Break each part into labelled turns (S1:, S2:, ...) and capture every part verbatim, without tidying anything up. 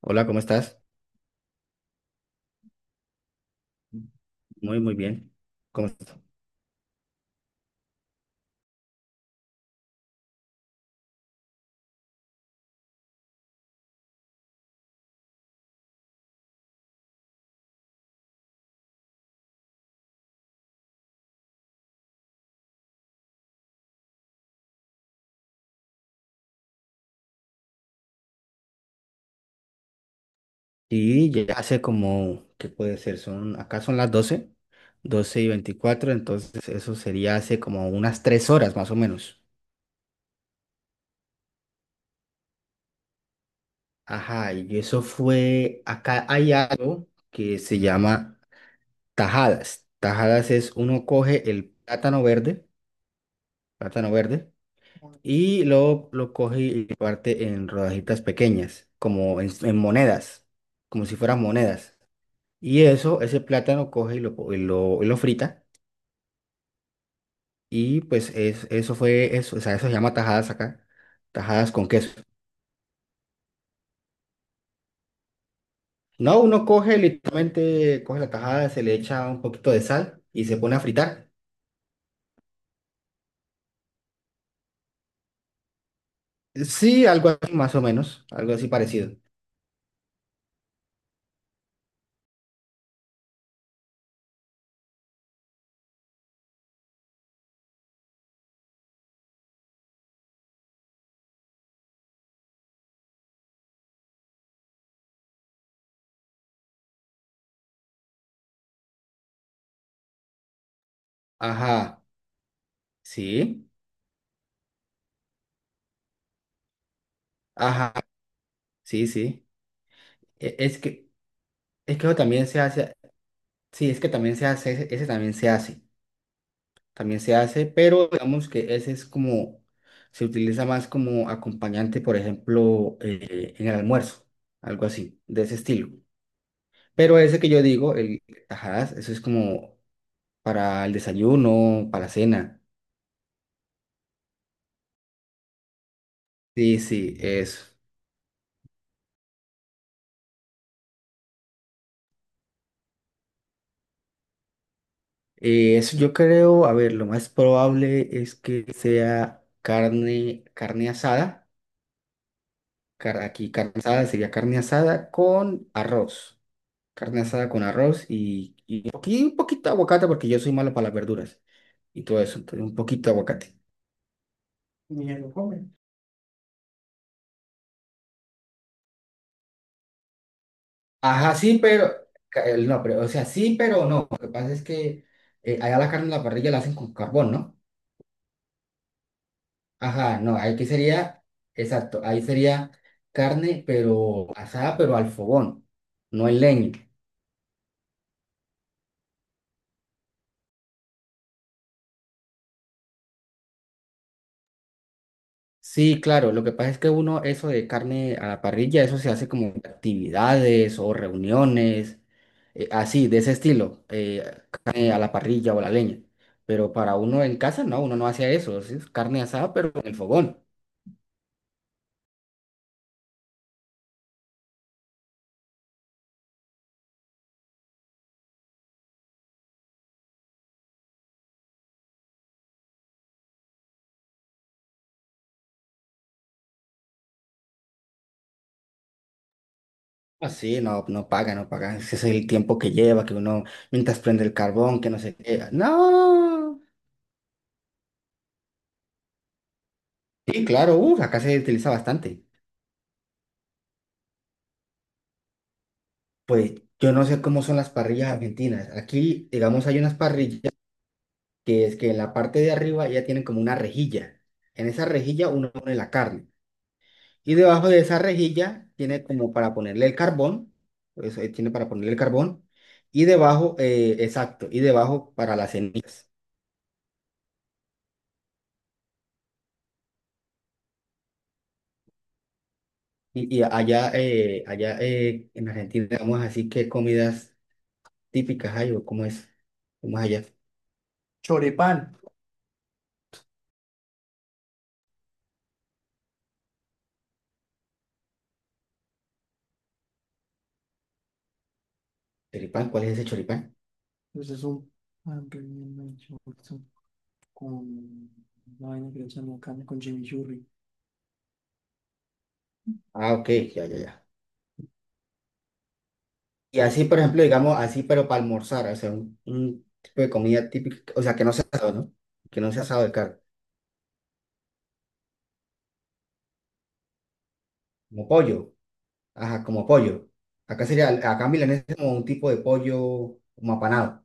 S1: Hola, ¿cómo estás? Muy, muy bien. ¿Cómo estás? Sí, ya hace como, ¿qué puede ser? Son, acá son las doce, doce y veinticuatro, entonces eso sería hace como unas tres horas más o menos. Ajá, y eso fue, acá hay algo que se llama tajadas. Tajadas es uno coge el plátano verde, plátano verde, y luego lo coge y lo parte en rodajitas pequeñas, como en, en monedas, como si fueran monedas. Y eso, ese plátano coge y lo, po- y lo, y lo frita. Y pues es, eso fue eso. O sea, eso se llama tajadas acá. Tajadas con queso. No, uno coge, literalmente coge la tajada, se le echa un poquito de sal y se pone a fritar. Sí, algo así más o menos. Algo así parecido. Ajá. Sí. Ajá. Sí, sí. E- Es que, es que eso también se hace. Sí, es que también se hace. Ese, ese también se hace. También se hace, pero digamos que ese es como, se utiliza más como acompañante, por ejemplo, eh, en el almuerzo, algo así, de ese estilo. Pero ese que yo digo, el tajadas, eso es como para el desayuno, para la cena. Sí, sí, eso. Eh, eso yo creo, a ver, lo más probable es que sea carne, carne asada. Car- aquí carne asada sería carne asada con arroz. Carne asada con arroz y, y un poqui- un poquito de aguacate porque yo soy malo para las verduras y todo eso. Entonces, un poquito de aguacate. Ni él lo come. Ajá, sí, pero... ca- el- No, pero, o sea, sí, pero no. Lo que pasa es que eh, allá la carne en la parrilla la hacen con carbón, ¿no? Ajá, no, ahí que sería, exacto, ahí sería carne, pero asada, pero al fogón, no en leña. Sí, claro, lo que pasa es que uno, eso de carne a la parrilla, eso se hace como actividades o reuniones, eh, así, de ese estilo, eh, carne a la parrilla o a la leña. Pero para uno en casa, no, uno no hace eso, sí, es carne asada, pero en el fogón. Así, no, no paga, no paga. Ese es el tiempo que lleva, que uno, mientras prende el carbón, que no se qué. No. Sí, claro, uh, acá se utiliza bastante. Pues yo no sé cómo son las parrillas argentinas. Aquí, digamos, hay unas parrillas, que es que en la parte de arriba ya tienen como una rejilla. En esa rejilla uno pone la carne. Y debajo de esa rejilla tiene como para ponerle el carbón. Eso eh, tiene para ponerle el carbón. Y debajo, eh, exacto, y debajo para las cenizas. Y, y allá, eh, allá eh, en Argentina, digamos así, ¿qué comidas típicas hay o cómo es? ¿Cómo es allá? Choripán. ¿Choripán? ¿Cuál es ese choripán? Ah, ok, ya, ya, ya. Y así, por ejemplo, digamos, así, pero para almorzar, o sea, un, un tipo de comida típica, o sea, que no sea asado, ¿no? Que no sea asado de carne, como pollo, ajá, como pollo. Acá sería, acá en milanesa es como un tipo de pollo como apanado.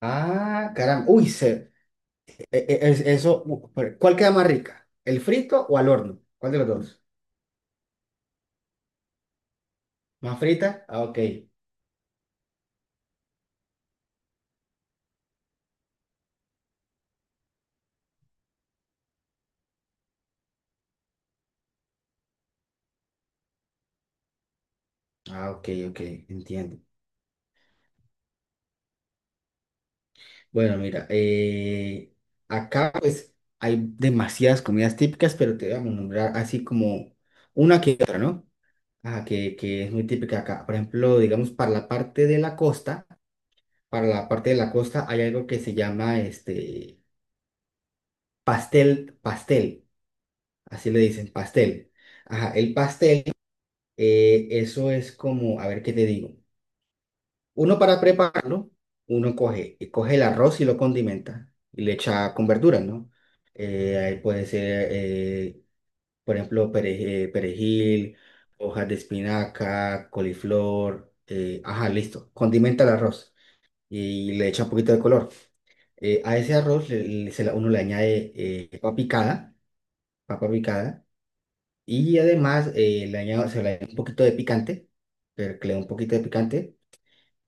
S1: Ah, caramba, uy, se, e- e- es- eso, u- pero, ¿cuál queda más rica? ¿El frito o al horno? ¿Cuál de los dos? ¿Más frita? Ah, ok, ah, ok, ok, entiendo. Bueno, mira, eh, acá pues hay demasiadas comidas típicas, pero te vamos a nombrar así como una que otra, ¿no? Ajá, que, que es muy típica acá. Por ejemplo, digamos, para la parte de la costa, para la parte de la costa hay algo que se llama este pastel, pastel, así le dicen, pastel. Ajá, el pastel, eh, eso es como, a ver qué te digo. Uno para prepararlo, uno coge, coge el arroz y lo condimenta y le echa con verduras, ¿no? Eh, ahí puede ser, eh, por ejemplo, pere- eh, perejil, hojas de espinaca, coliflor, eh, ajá, listo. Condimenta el arroz y le echa un poquito de color. Eh, a ese arroz le- le- se la- uno le añade eh, papa picada, papa picada, y además eh, le añade, se le añade un poquito de picante, pero que le da un poquito de picante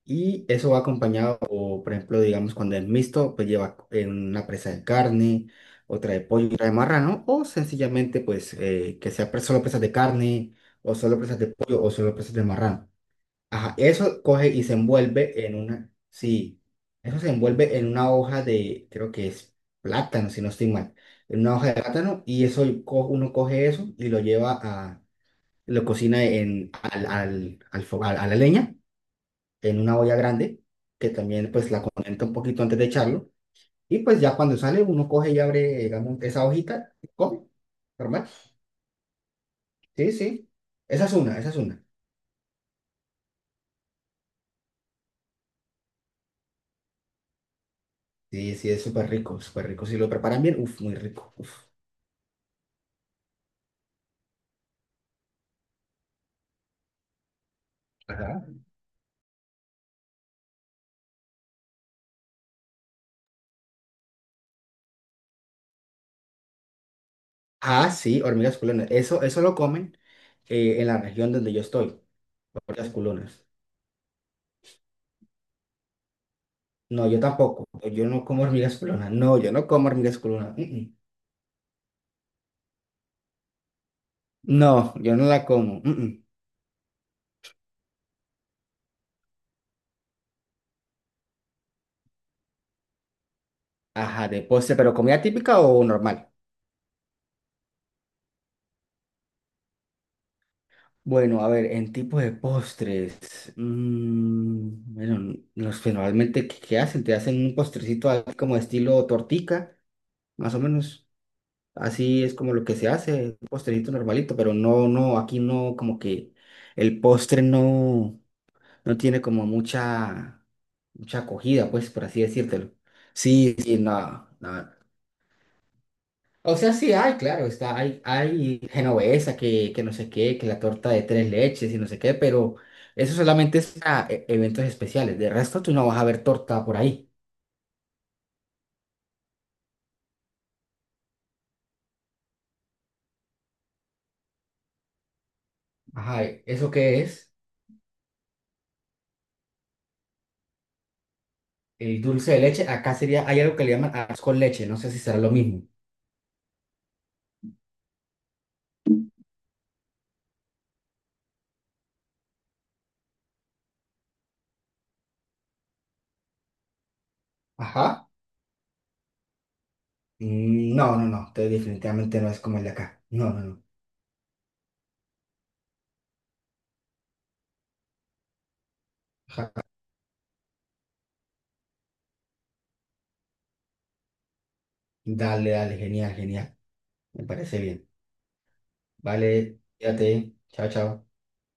S1: y eso va acompañado, o, por ejemplo, digamos, cuando es mixto, pues lleva eh, una presa de carne, otra de pollo y otra de marrano, o sencillamente, pues, eh, que sea pre- solo presas de carne, o solo presas de pollo, o solo presas de marrano. Ajá, eso coge y se envuelve en una, sí, eso se envuelve en una hoja de, creo que es plátano, si no estoy mal, en una hoja de plátano, y eso co- uno coge eso y lo lleva a, lo cocina en, al, al, al, fo- a a la leña en una olla grande, que también pues la conecta un poquito antes de echarlo. Y pues ya cuando sale, uno coge y abre, digamos, esa hojita, y come, normal. Sí, sí. Esa es una, esa es una. Sí, sí, es súper rico, súper rico. Si lo preparan bien, uff, muy rico. Uf. Ajá. Ah, sí, hormigas culonas. Eso, eso lo comen eh, en la región donde yo estoy, hormigas culonas. No, yo tampoco. No, yo no como hormigas culonas. No, yo no como hormigas culonas. Mm, mm. No, yo no la como. Mm, mm. Ajá, de postre, pero comida típica o normal. Bueno, a ver, en tipos de postres, mm, bueno, los generalmente, ¿qué, qué hacen? Te hacen un postrecito así como estilo tortica, más o menos, así es como lo que se hace, un postrecito normalito, pero no, no, aquí no, como que el postre no, no tiene como mucha, mucha acogida, pues, por así decírtelo. Sí, sí, nada, o sea, sí hay, claro, está, hay, hay genovesa que, que no sé qué, que la torta de tres leches y no sé qué, pero eso solamente es para e- eventos especiales. De resto, tú no vas a ver torta por ahí. Ajá, ¿e- ¿eso qué es? El dulce de leche, acá sería, hay algo que le llaman arroz con leche, no sé si será lo mismo. Ajá. Mm, no, no, no, te- definitivamente no es como el de acá. No, no, no. Ajá. Dale, dale, genial, genial. Me parece bien. Vale, fíjate. Chao, chao.